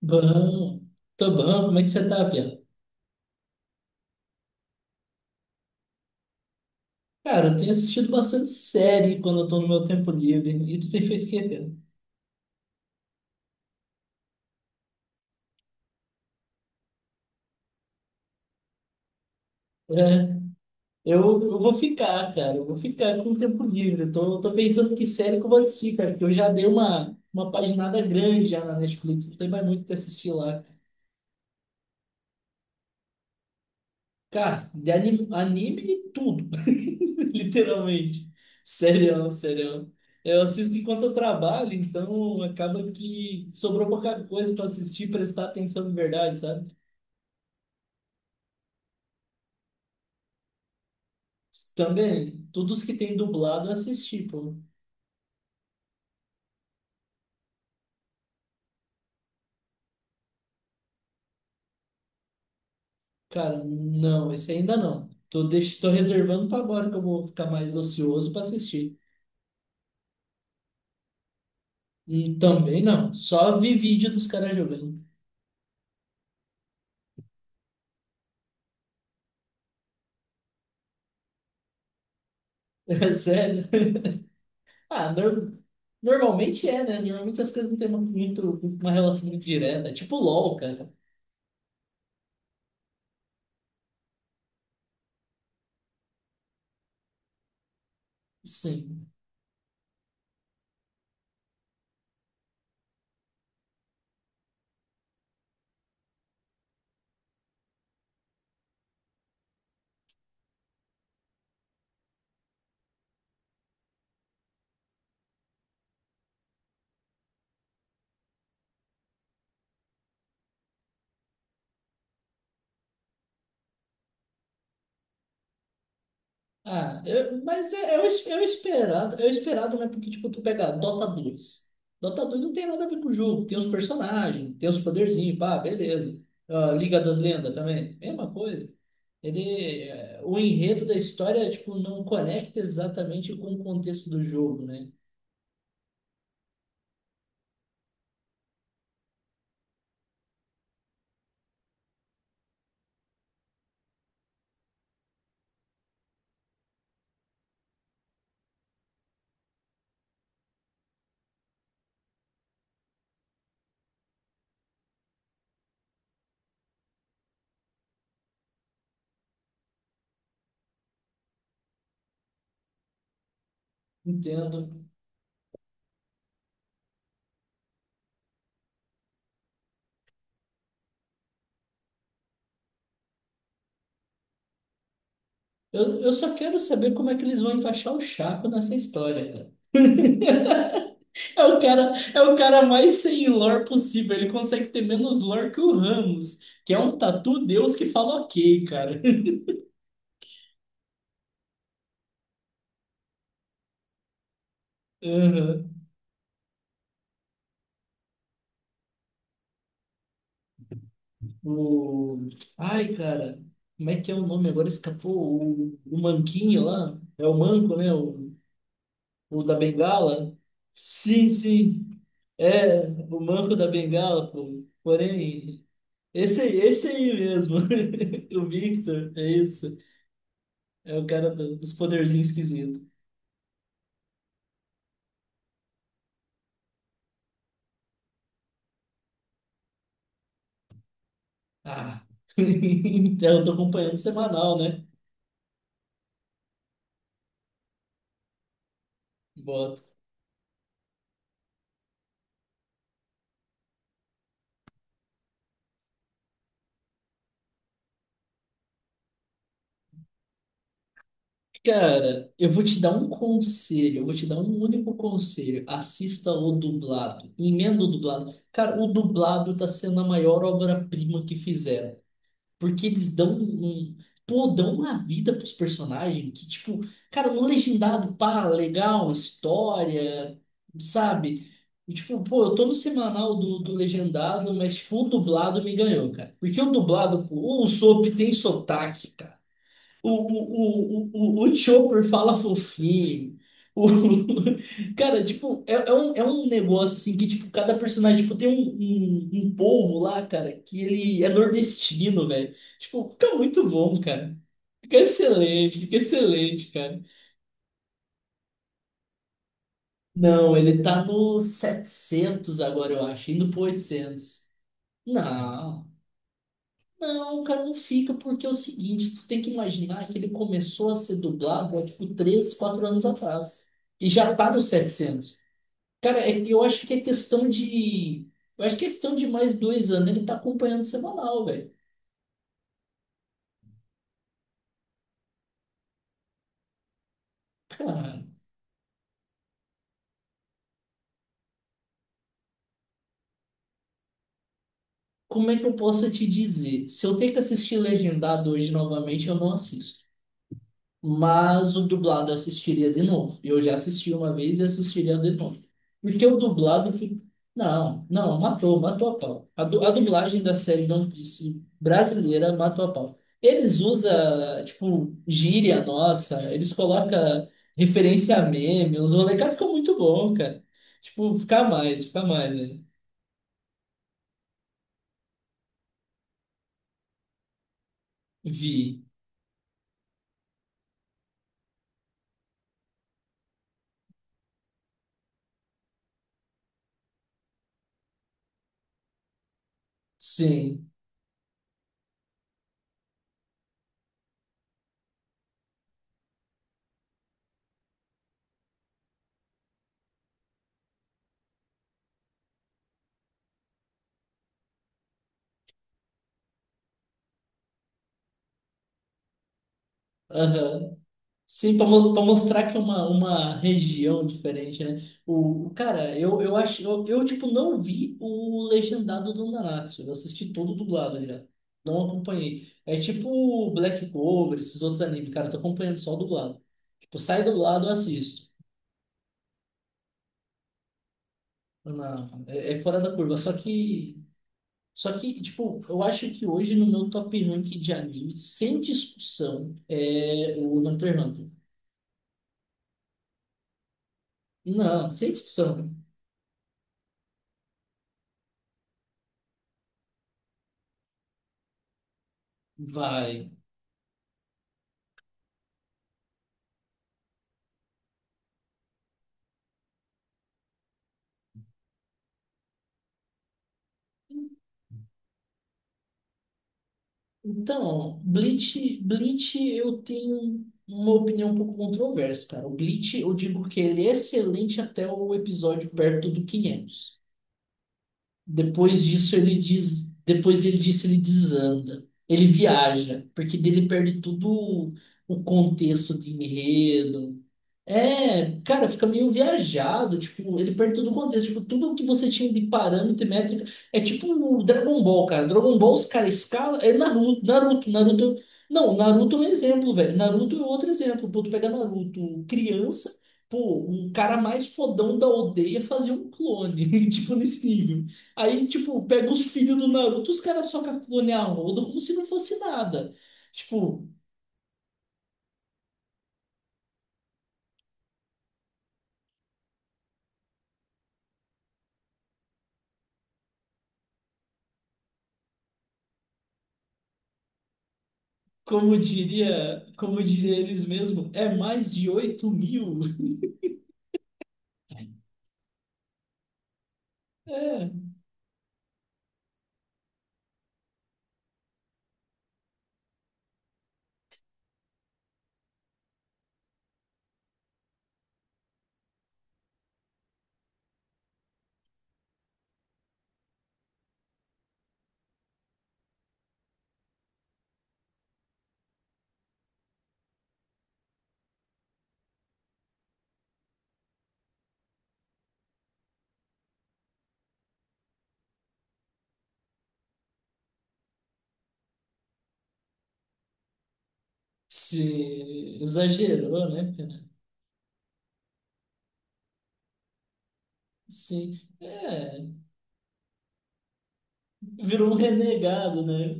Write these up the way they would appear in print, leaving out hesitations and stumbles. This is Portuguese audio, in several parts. Bom, tô bom, como é que você tá, Pia? Cara, eu tenho assistido bastante série quando eu tô no meu tempo livre. E tu tem feito o quê, Pia? É, eu vou ficar, cara, eu vou ficar com o tempo livre. Eu tô pensando que série que eu vou assistir, cara, porque eu já dei uma paginada grande já na Netflix, não tem mais muito o que assistir lá. Cara, de anime, anime tudo. Literalmente. Serião, serião. Eu assisto enquanto eu trabalho, então acaba que sobrou pouca coisa para assistir, e prestar atenção de verdade, sabe? Também, todos que tem dublado eu assisti, pô. Cara, não, esse ainda não. Tô reservando para agora que eu vou ficar mais ocioso para assistir. Também não, só vi vídeo dos caras jogando. É sério. Ah, normalmente é, né? Normalmente as coisas não têm muito, uma relação muito direta. Tipo LOL, cara. Sim. Ah, mas é o esperado, né? Porque, tipo, tu pega Dota dois. Dota dois não tem nada a ver com o jogo. Tem os personagens, tem os poderzinhos, pá, beleza. Ah, Liga das Lendas também, mesma coisa. O enredo da história, tipo, não conecta exatamente com o contexto do jogo, né? Entendo. Eu só quero saber como é que eles vão encaixar o Chaco nessa história, cara. É o cara mais sem lore possível. Ele consegue ter menos lore que o Ramos, que é um tatu deus que fala ok, cara. Aham. O... Ai, cara, como é que é o nome? Agora escapou o Manquinho lá. É o Manco, né? O da Bengala. Sim, sim. É, o Manco da Bengala, pô. Porém. Esse aí mesmo. O Victor, é isso. É o cara dos poderzinhos esquisitos. Ah. Então, eu tô acompanhando semanal, né? Boto. Cara, eu vou te dar um conselho, eu vou te dar um único conselho. Assista o dublado. Emenda o dublado. Cara, o dublado tá sendo a maior obra-prima que fizeram. Porque eles Pô, dão uma vida pros personagens que, tipo, cara, no legendado, pá, legal, história, sabe? E, tipo, pô, eu tô no semanal do legendado, mas, tipo, o dublado me ganhou, cara. Porque o dublado, pô, o Usopp tem sotaque, cara. O, o, o Chopper fala fofinho. O... Cara, tipo, é um negócio assim que, tipo, cada personagem, tipo, tem um povo lá, cara, que ele é nordestino, velho. Tipo, fica muito bom, cara. Fica excelente, cara. Não, ele tá no 700 agora, eu acho, indo pro 800. Não. Não, cara, não fica, porque é o seguinte, você tem que imaginar que ele começou a ser dublado há, tipo, 3 4 anos atrás. E já tá nos 700. Cara, é que eu acho que é questão de... Eu acho que é questão de mais 2 anos ele tá acompanhando semanal, velho. Cara, como é que eu posso te dizer? Se eu tenho que assistir Legendado hoje novamente, eu não assisto. Mas o dublado eu assistiria de novo. Eu já assisti uma vez e assistiria de novo. Porque o dublado fica. Não, não, matou, matou a pau. A dublagem da série de One Piece brasileira matou a pau. Eles usam, tipo, gíria nossa, eles colocam referência a meme, os rolê, cara, fica muito bom, cara. Tipo, fica mais, velho. Vi, sim, aham. Sim, para mostrar que é uma região diferente, né? Cara, eu acho, tipo não vi o legendado do Nanatsu. Eu assisti todo dublado já. Não acompanhei. É tipo o Black Clover, esses outros animes, cara, eu tô acompanhando só o dublado. Tipo, sai dublado, eu assisto. Não, é fora da curva, só que, tipo, eu acho que hoje no meu top rank de anime, sem discussão, é o Hunter x Hunter. Não, sem discussão. Vai. Então, Bleach eu tenho uma opinião um pouco controversa, cara. O Bleach, eu digo que ele é excelente até o episódio perto do 500. Depois disso ele diz, depois ele disse ele desanda. Ele viaja, porque dele perde tudo o contexto de enredo, é, cara, fica meio viajado, tipo, ele perde todo o contexto, tipo, tudo que você tinha de parâmetro e métrica, é tipo o Dragon Ball, cara, Dragon Ball os caras escalam, é Naruto, Naruto, Naruto, não, Naruto é um exemplo, velho, Naruto é outro exemplo, pô, tu pega Naruto, criança, pô, um cara mais fodão da aldeia fazia um clone, tipo, nesse nível, aí, tipo, pega os filhos do Naruto, os caras socam clone a rodo como se não fosse nada, tipo... como diria eles mesmos, é mais de 8.000. É, se exagerou, né, cara? Sim, é, virou um renegado, né?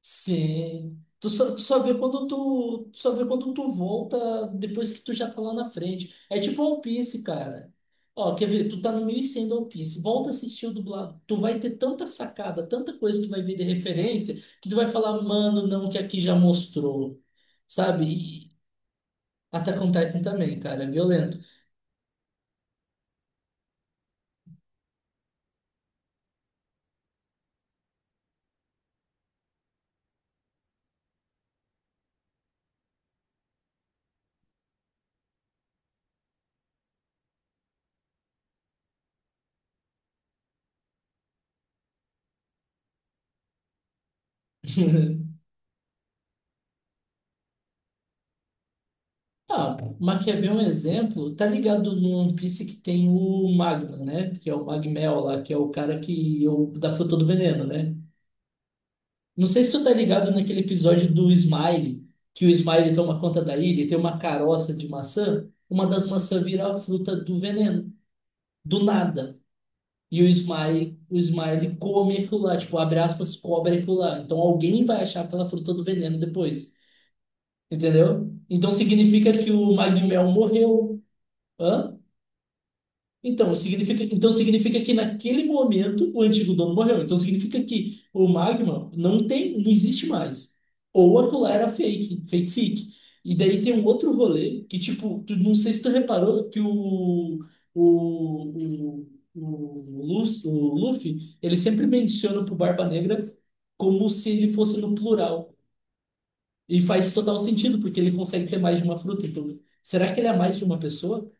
Sim. Tu só vê quando tu volta depois que tu já tá lá na frente. É tipo One Piece, cara. Ó, quer ver? Tu tá no 1.100 do One Piece. Volta a assistir o dublado. Tu vai ter tanta sacada, tanta coisa que tu vai ver de referência, que tu vai falar, mano, não, que aqui já mostrou. Sabe? E Attack on Titan também, cara. É violento. Ah, Maquiavel é um exemplo. Tá ligado no One Piece que tem o Magma, né? Que é o Magmel lá, que é o cara que é o da fruta do veneno, né? Não sei se tu tá ligado naquele episódio do Smile, que o Smile toma conta da ilha e tem uma caroça de maçã. Uma das maçãs vira a fruta do veneno, do nada. E o Smile come aquilo lá, tipo, abre aspas, cobre aquilo lá. Então alguém vai achar aquela fruta do veneno depois, entendeu? Então significa que o Magmel morreu. Hã? Então significa que naquele momento o antigo dono morreu. Então significa que o magma não tem, não existe mais. Ou aquilo lá era fake, fake fic. E daí tem um outro rolê que, tipo, não sei se tu reparou que o, o, o Luffy, ele sempre menciona pro Barba Negra como se ele fosse no plural. E faz total sentido, porque ele consegue ter mais de uma fruta. Então, será que ele é mais de uma pessoa?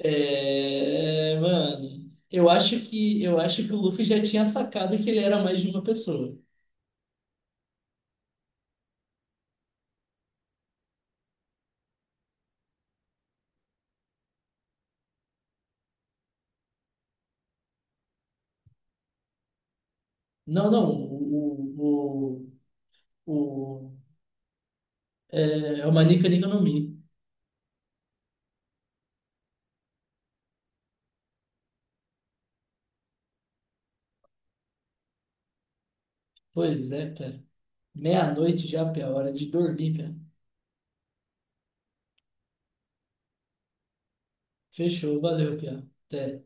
É, mano, eu acho que o Luffy já tinha sacado que ele era mais de uma pessoa. Não, não, o, o- é o Manika Ni no Mi. Pois é, pera. Meia-noite já, pia, hora de dormir, pia. Fechou, valeu, pia. Até.